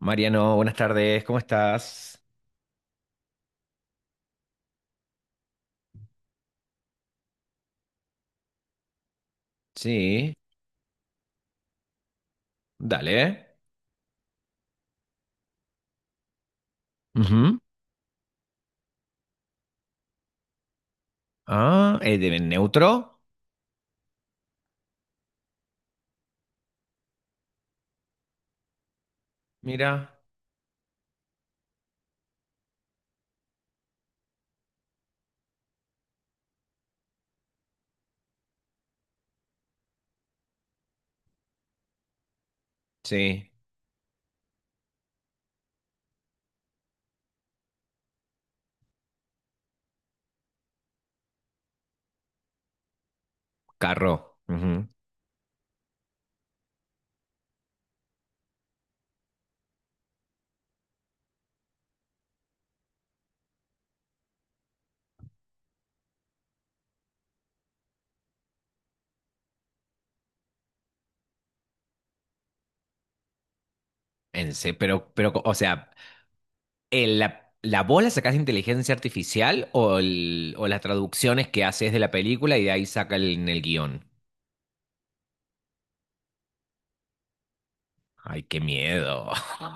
Mariano, buenas tardes, ¿cómo estás? Sí, dale. Ujú. Ah, es de neutro, mira. Sí, carro. Ujú. O sea, la, ¿la voz la sacás de inteligencia artificial o, o las traducciones que haces de la película y de ahí saca el, en el guión? Ay, qué miedo.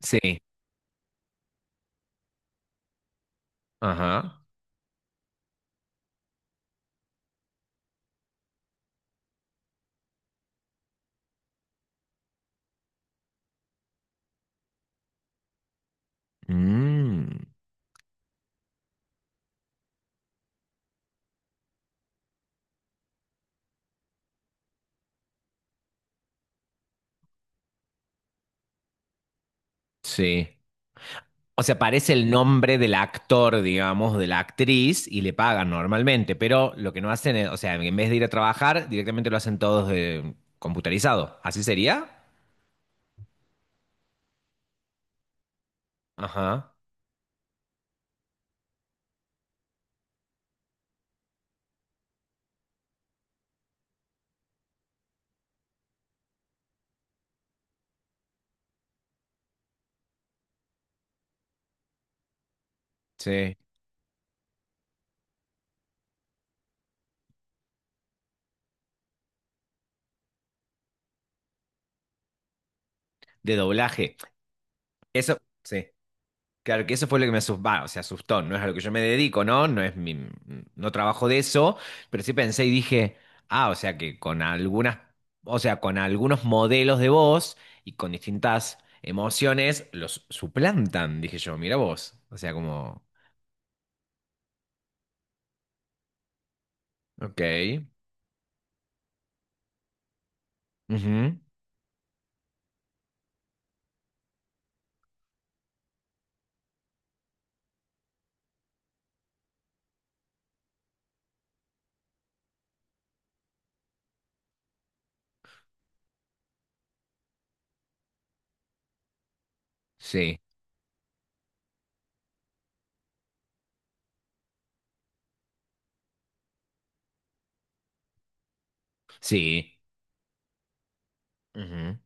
Sí, ajá. Mm, sí. O sea, aparece el nombre del actor, digamos, de la actriz y le pagan normalmente, pero lo que no hacen es, o sea, en vez de ir a trabajar, directamente lo hacen todos computarizado. ¿Así sería? Ajá, sí. De doblaje. Eso, sí. Claro que eso fue lo que me asustó, o sea, asustó, no es a lo que yo me dedico, ¿no? No es mi, no trabajo de eso, pero sí pensé y dije, ah, o sea que con algunas, o sea, con algunos modelos de voz y con distintas emociones los suplantan, dije yo, mira vos, o sea, como, ok, ujú, sí, sí, ujú,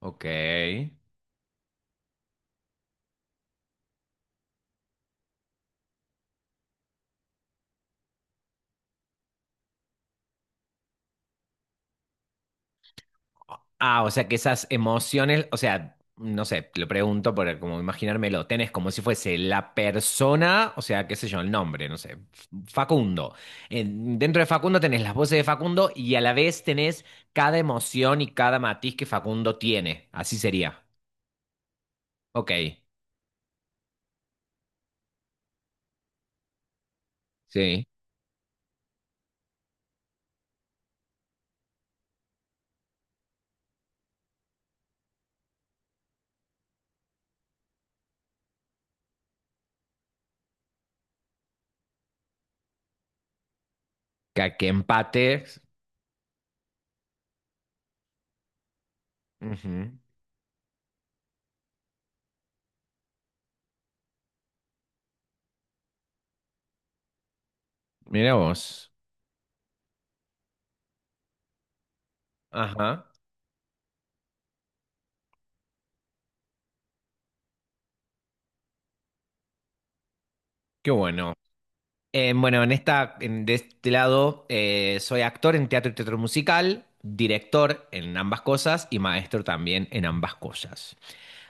ok. Ah, o sea que esas emociones, o sea, no sé, te lo pregunto para como imaginármelo, tenés como si fuese la persona, o sea, qué sé yo, el nombre, no sé, Facundo. Dentro de Facundo tenés las voces de Facundo y a la vez tenés cada emoción y cada matiz que Facundo tiene. Así sería. Ok, sí. Que empate. Ujú. Mira vos. Ajá, qué bueno. Bueno, en esta, de este lado, soy actor en teatro y teatro musical, director en ambas cosas y maestro también en ambas cosas.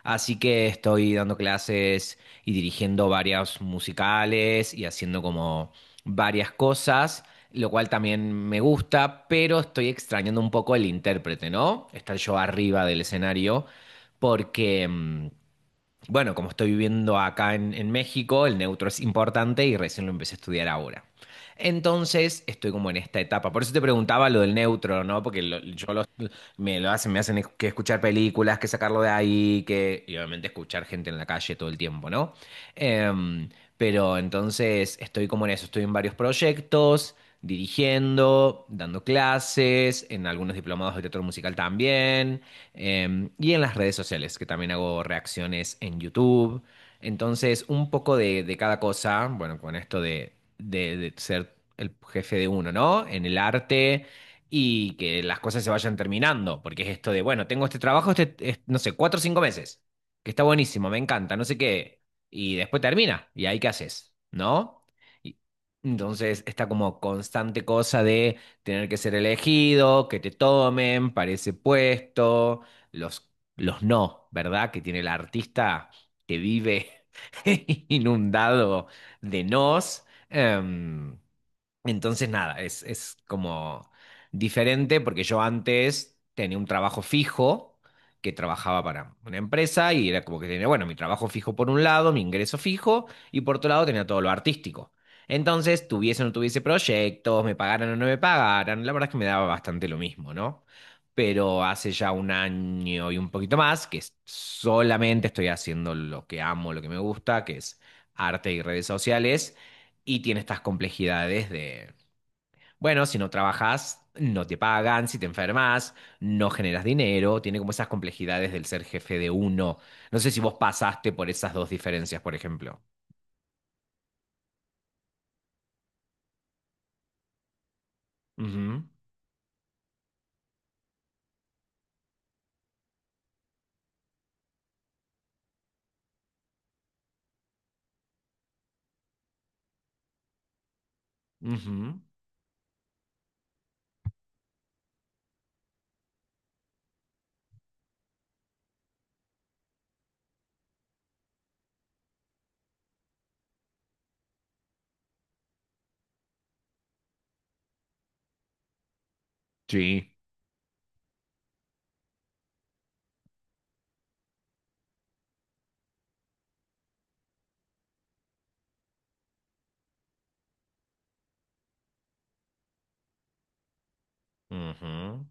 Así que estoy dando clases y dirigiendo varios musicales y haciendo como varias cosas, lo cual también me gusta, pero estoy extrañando un poco el intérprete, ¿no? Estar yo arriba del escenario porque... bueno, como estoy viviendo acá en México, el neutro es importante y recién lo empecé a estudiar ahora. Entonces, estoy como en esta etapa. Por eso te preguntaba lo del neutro, ¿no? Porque me lo hacen, me hacen que escuchar películas, que sacarlo de ahí, que, y obviamente escuchar gente en la calle todo el tiempo, ¿no? Em, pero entonces estoy como en eso, estoy en varios proyectos, dirigiendo, dando clases, en algunos diplomados de teatro musical también y en las redes sociales, que también hago reacciones en YouTube. Entonces, un poco de cada cosa, bueno, con esto de, de ser el jefe de uno, ¿no? En el arte y que las cosas se vayan terminando, porque es esto de, bueno, tengo este trabajo, este, no sé, 4 o 5 meses, que está buenísimo, me encanta, no sé qué, y después termina, y ahí qué haces, ¿no? Y- Entonces, esta como constante cosa de tener que ser elegido, que te tomen para ese puesto los, los no, ¿verdad? Que tiene el artista que vive inundado de nos. Em, entonces, nada, es como diferente porque yo antes tenía un trabajo fijo que trabajaba para una empresa y era como que tenía, bueno, mi trabajo fijo por un lado, mi ingreso fijo y por otro lado tenía todo lo artístico. Entonces, tuviese o no tuviese proyectos, me pagaran o no me pagaran, la verdad es que me daba bastante lo mismo, ¿no? Pero hace ya un año y un poquito más que solamente estoy haciendo lo que amo, lo que me gusta, que es arte y redes sociales y tiene estas complejidades, bueno, si no trabajas, no te pagan, si te enfermas, no generas dinero, tiene como esas complejidades del ser jefe de uno. No sé si vos pasaste por esas dos diferencias, por ejemplo. Ujú, ujú, sí. Ujú,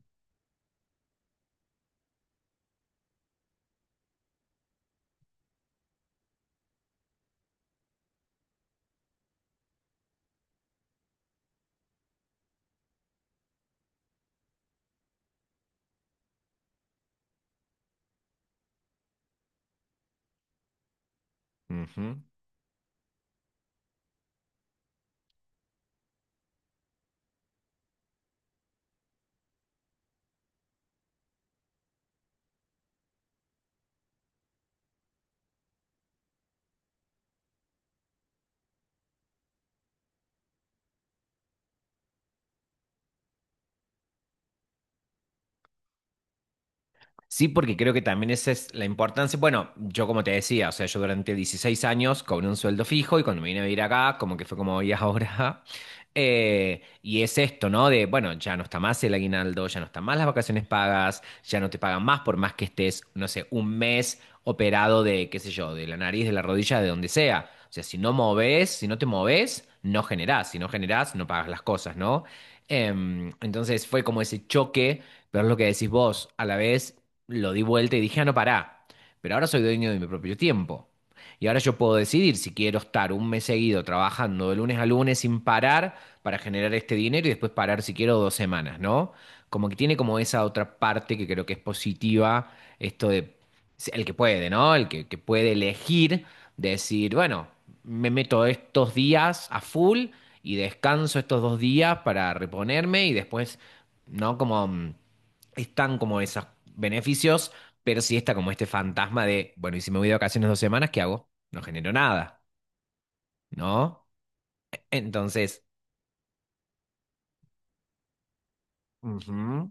ujú. Sí, porque creo que también esa es la importancia. Bueno, yo como te decía, o sea, yo durante 16 años cobré un sueldo fijo y cuando me vine a vivir acá, como que fue como hoy ahora. Y es esto, ¿no? De, bueno, ya no está más el aguinaldo, ya no están más las vacaciones pagas, ya no te pagan más por más que estés, no sé, un mes operado de, qué sé yo, de la nariz, de la rodilla, de donde sea. O sea, si no moves, si no te moves, no generás. Si no generás, no pagas las cosas, ¿no? Entonces fue como ese choque, pero es lo que decís vos, a la vez lo di vuelta y dije, ah, no, pará, pero ahora soy dueño de mi propio tiempo. Y ahora yo puedo decidir si quiero estar un mes seguido trabajando de lunes a lunes sin parar para generar este dinero y después parar si quiero 2 semanas, ¿no? Como que tiene como esa otra parte que creo que es positiva, esto de el que puede, ¿no? Que puede elegir, decir, bueno, me meto estos días a full y descanso estos 2 días para reponerme y después, ¿no? Como... están como esos beneficios, pero sí está como este fantasma de, bueno, y si me voy de vacaciones 2 semanas, ¿qué hago? No genero nada, ¿no? Entonces, ujú.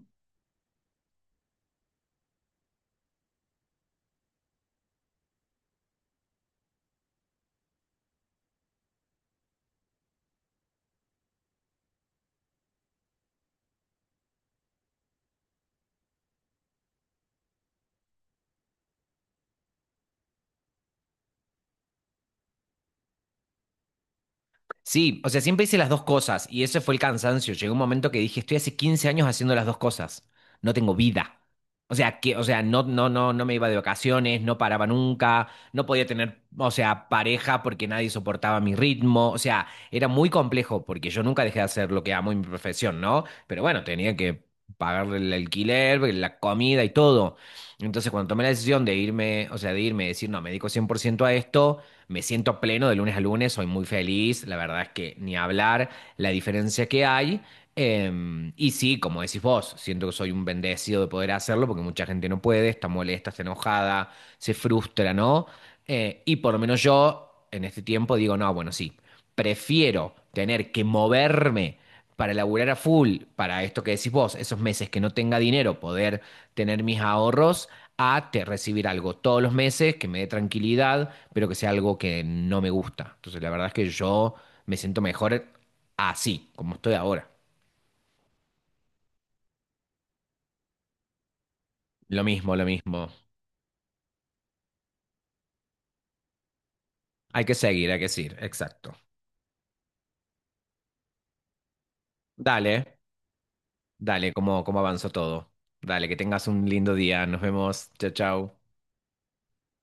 Sí, o sea, siempre hice las dos cosas y ese fue el cansancio. Llegó un momento que dije, estoy hace 15 años haciendo las dos cosas. No tengo vida. O sea, que, o sea, no me iba de vacaciones, no paraba nunca, no podía tener, o sea, pareja porque nadie soportaba mi ritmo. O sea, era muy complejo porque yo nunca dejé de hacer lo que amo y mi profesión, ¿no? Pero bueno, tenía que pagar el alquiler, pues, la comida y todo. Entonces, cuando tomé la decisión de irme, o sea, de irme, decir, no, me dedico 100% a esto. Me siento pleno de lunes a lunes, soy muy feliz, la verdad es que ni hablar la diferencia que hay. Y sí, como decís vos, siento que soy un bendecido de poder hacerlo porque mucha gente no puede, está molesta, está enojada, se frustra, ¿no? Y por lo menos yo en este tiempo digo, no, bueno, sí, prefiero tener que moverme para laburar a full, para esto que decís vos, esos meses que no tenga dinero, poder tener mis ahorros, a recibir algo todos los meses que me dé tranquilidad, pero que sea algo que no me gusta. Entonces, la verdad es que yo me siento mejor así, como estoy ahora. Lo mismo, lo mismo. Hay que seguir, hay que seguir. Exacto. Dale, dale, cómo, cómo avanzó todo. Dale, que tengas un lindo día. Nos vemos. Chao, chao.